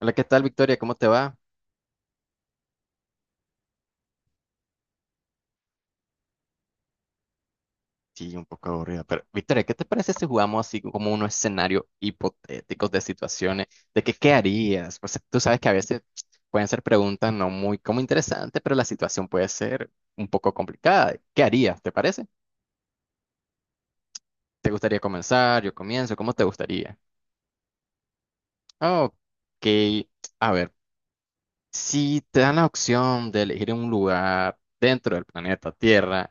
Hola, ¿qué tal, Victoria? ¿Cómo te va? Sí, un poco aburrida, pero Victoria, ¿qué te parece si jugamos así como unos escenarios hipotéticos de situaciones, de que qué harías? Pues tú sabes que a veces pueden ser preguntas no muy como interesantes, pero la situación puede ser un poco complicada. ¿Qué harías? ¿Te parece? ¿Te gustaría comenzar? Yo comienzo, ¿cómo te gustaría? Ok, a ver, si te dan la opción de elegir un lugar dentro del planeta Tierra,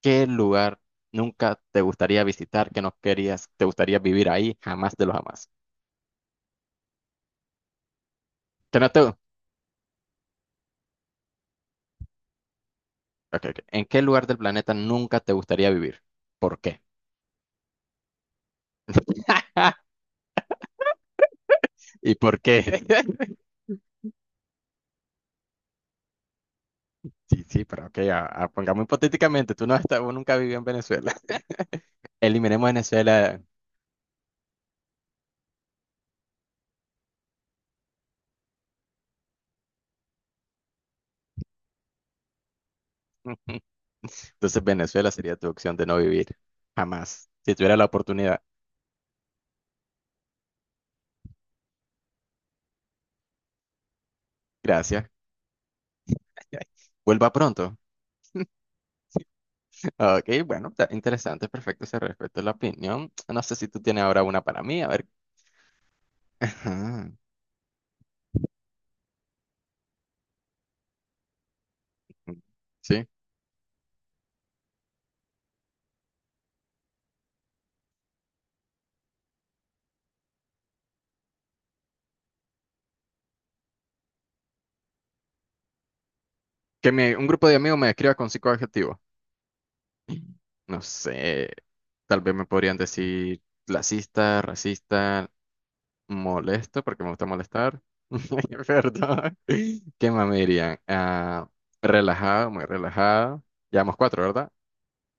¿qué lugar nunca te gustaría visitar, que no querías, te gustaría vivir ahí, jamás de los jamás? ¿Que no te... ok, ok. ¿En qué lugar del planeta nunca te gustaría vivir? ¿Por qué? ¿Y por qué? Sí, sí, pero ok, pongamos hipotéticamente, tú no has estado- nunca vivido en Venezuela. Eliminemos Venezuela. Entonces Venezuela sería tu opción de no vivir, jamás, si tuviera la oportunidad. Gracias. Vuelva pronto. Ok, bueno, está interesante, perfecto, se respeta la opinión. No sé si tú tienes ahora una para mí, a ver. Ajá. Sí. Que me- un grupo de amigos me describa con cinco adjetivos. No sé, tal vez me podrían decir clasista, racista, molesto, porque me gusta molestar. Perdón. ¿Qué más me dirían? Ah, relajado, muy relajado. Llevamos cuatro, ¿verdad?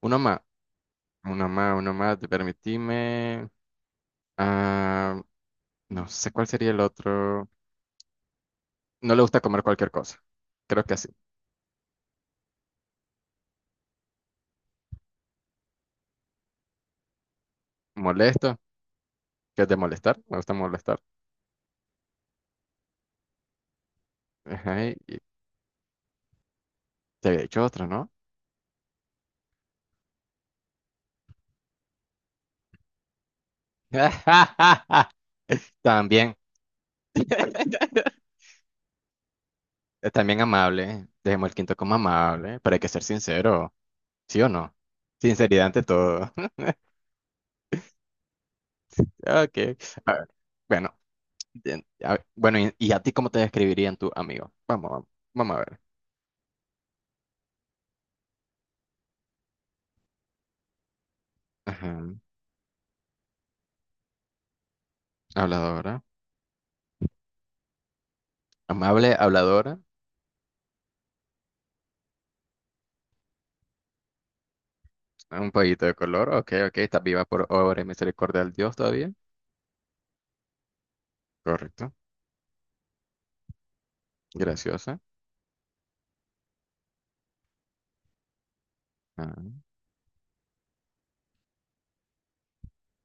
Uno más, uno más, te permitime. Ah, no sé cuál sería el otro. No le gusta comer cualquier cosa. Creo que así. Molesto, que es de molestar. Me gusta molestar. Ajá, y te había dicho otro, ¿no? También. También amable. Dejemos el quinto como amable, pero hay que ser sincero. ¿Sí o no? Sinceridad ante todo. Ok. A ver, bueno, bien, a ver, bueno, y a ti cómo te describirían tu amigo? Vamos, vamos, vamos a ver. Ajá, habladora. Amable, habladora. Un poquito de color. Ok, ok. Estás viva por obra y misericordia del Dios todavía. Correcto. Graciosa. Ah,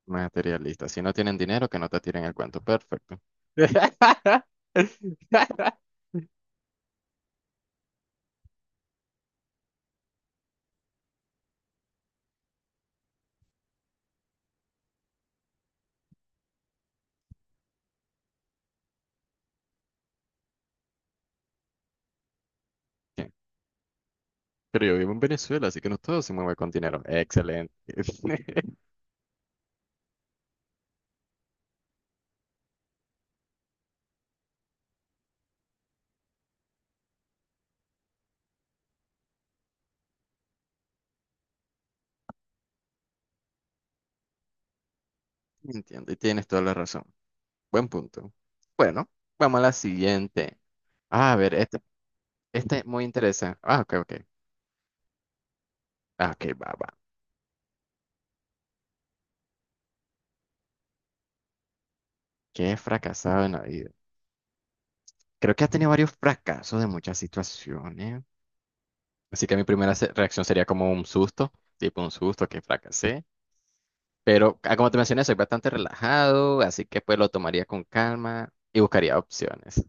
materialista. Si no tienen dinero, que no te tiren el cuento. Perfecto. Bien, pero yo vivo en Venezuela, así que no todo se mueve con dinero. Excelente. Entiendo, y tienes toda la razón. Buen punto. Bueno, vamos a la siguiente. Ah, a ver, este es muy interesante. Ah, ok, ok. Ah, ok, va, va. ¿Qué he fracasado en la vida? Creo que has tenido varios fracasos de muchas situaciones. Así que mi primera reacción sería como un susto, tipo un susto que fracasé. Pero como te mencioné, soy bastante relajado, así que pues lo tomaría con calma y buscaría opciones.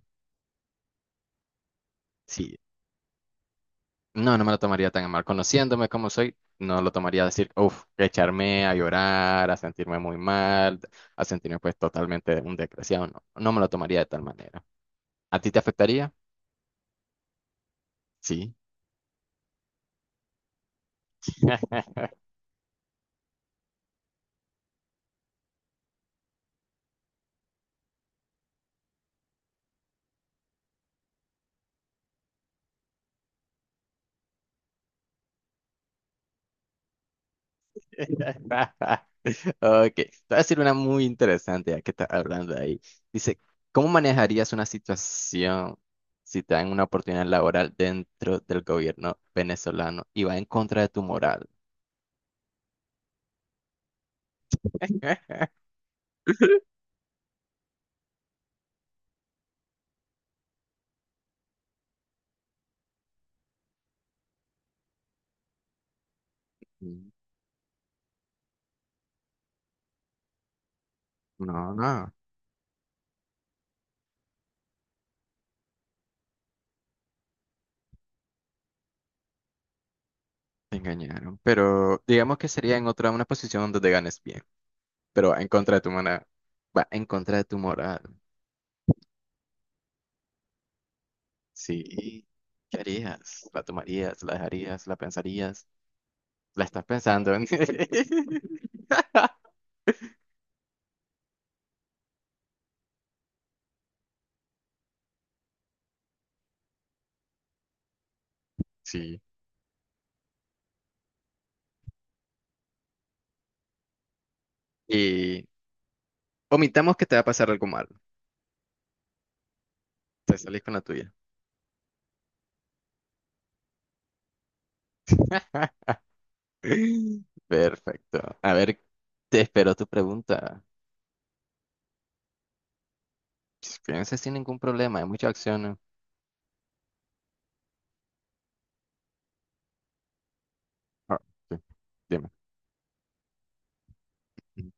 Sí, no, no me lo tomaría tan a mal. Conociéndome como soy, no lo tomaría a decir, uff, echarme a llorar, a sentirme muy mal, a sentirme pues totalmente un desgraciado. No, no me lo tomaría de tal manera. ¿A ti te afectaría? Sí. Ok, te voy a decir una muy interesante ya que estás hablando ahí. Dice, ¿cómo manejarías una situación si te dan una oportunidad laboral dentro del gobierno venezolano y va en contra de tu moral? Mm, no, no, te engañaron. Pero digamos que sería en otra, una posición donde te ganes bien, pero va en contra de tu moral. Va en contra de tu moral. Sí. ¿Qué harías? ¿La tomarías? ¿La dejarías? ¿La pensarías? ¿La estás pensando? Sí. Y omitamos que te va a pasar algo malo. Te salís con la tuya. Perfecto. A ver, te espero tu pregunta. Fíjense sin ningún problema, hay muchas acciones. Ah, sí, dime. Mm.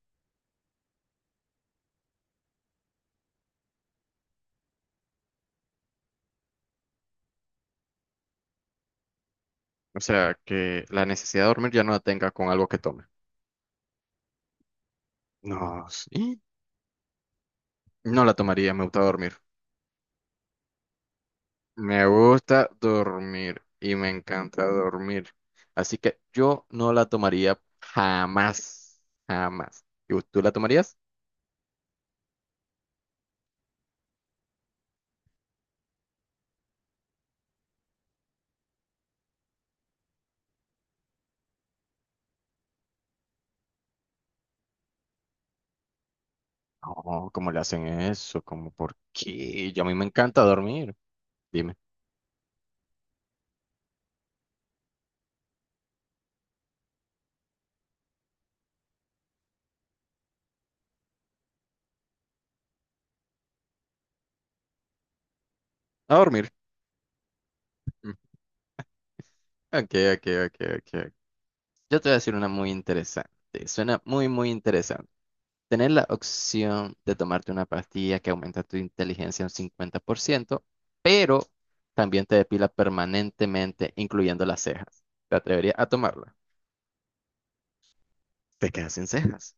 O sea, que la necesidad de dormir ya no la tenga con algo que tome. No, sí. No la tomaría, me gusta dormir. Me gusta dormir y me encanta dormir. Así que yo no la tomaría jamás, jamás. ¿Y tú la tomarías? No, ¿cómo le hacen eso? ¿Cómo por qué? Yo a mí me encanta dormir. Dime. A dormir. Mm. Ok, ok, ok, ok. Yo te voy a decir una muy interesante. Suena muy, muy interesante. Tener la opción de tomarte una pastilla que aumenta tu inteligencia un 50%, pero también te depila permanentemente, incluyendo las cejas. ¿Te atreverías a tomarla? Te quedas sin cejas,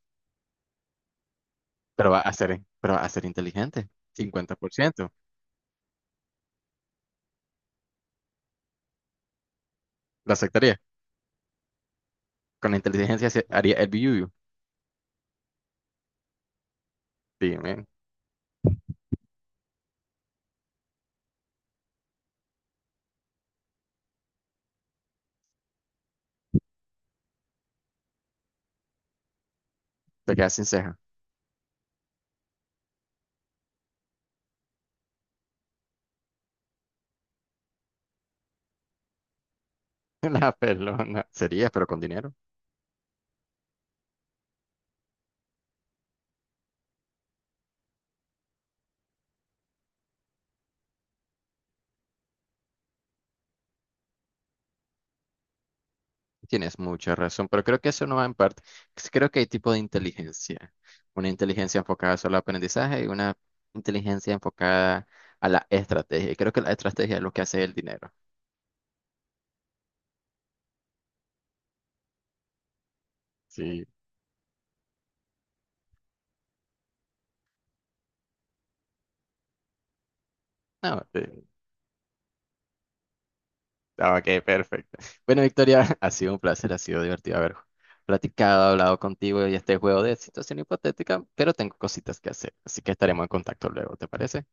pero va a ser, pero va a ser inteligente. 50%. ¿Lo aceptaría? Con la inteligencia se haría el biuyu. Dime. Te quedas sin ceja. La pelona. Serías, pero con dinero. Tienes mucha razón, pero creo que eso no va en parte. Creo que hay tipo de inteligencia. Una inteligencia enfocada solo al aprendizaje y una inteligencia enfocada a la estrategia. Y creo que la estrategia es lo que hace el dinero. Sí. No, ok, perfecto. Bueno, Victoria, ha sido un placer, ha sido divertido haber platicado, hablado contigo y este juego de situación hipotética, pero tengo cositas que hacer, así que estaremos en contacto luego, ¿te parece?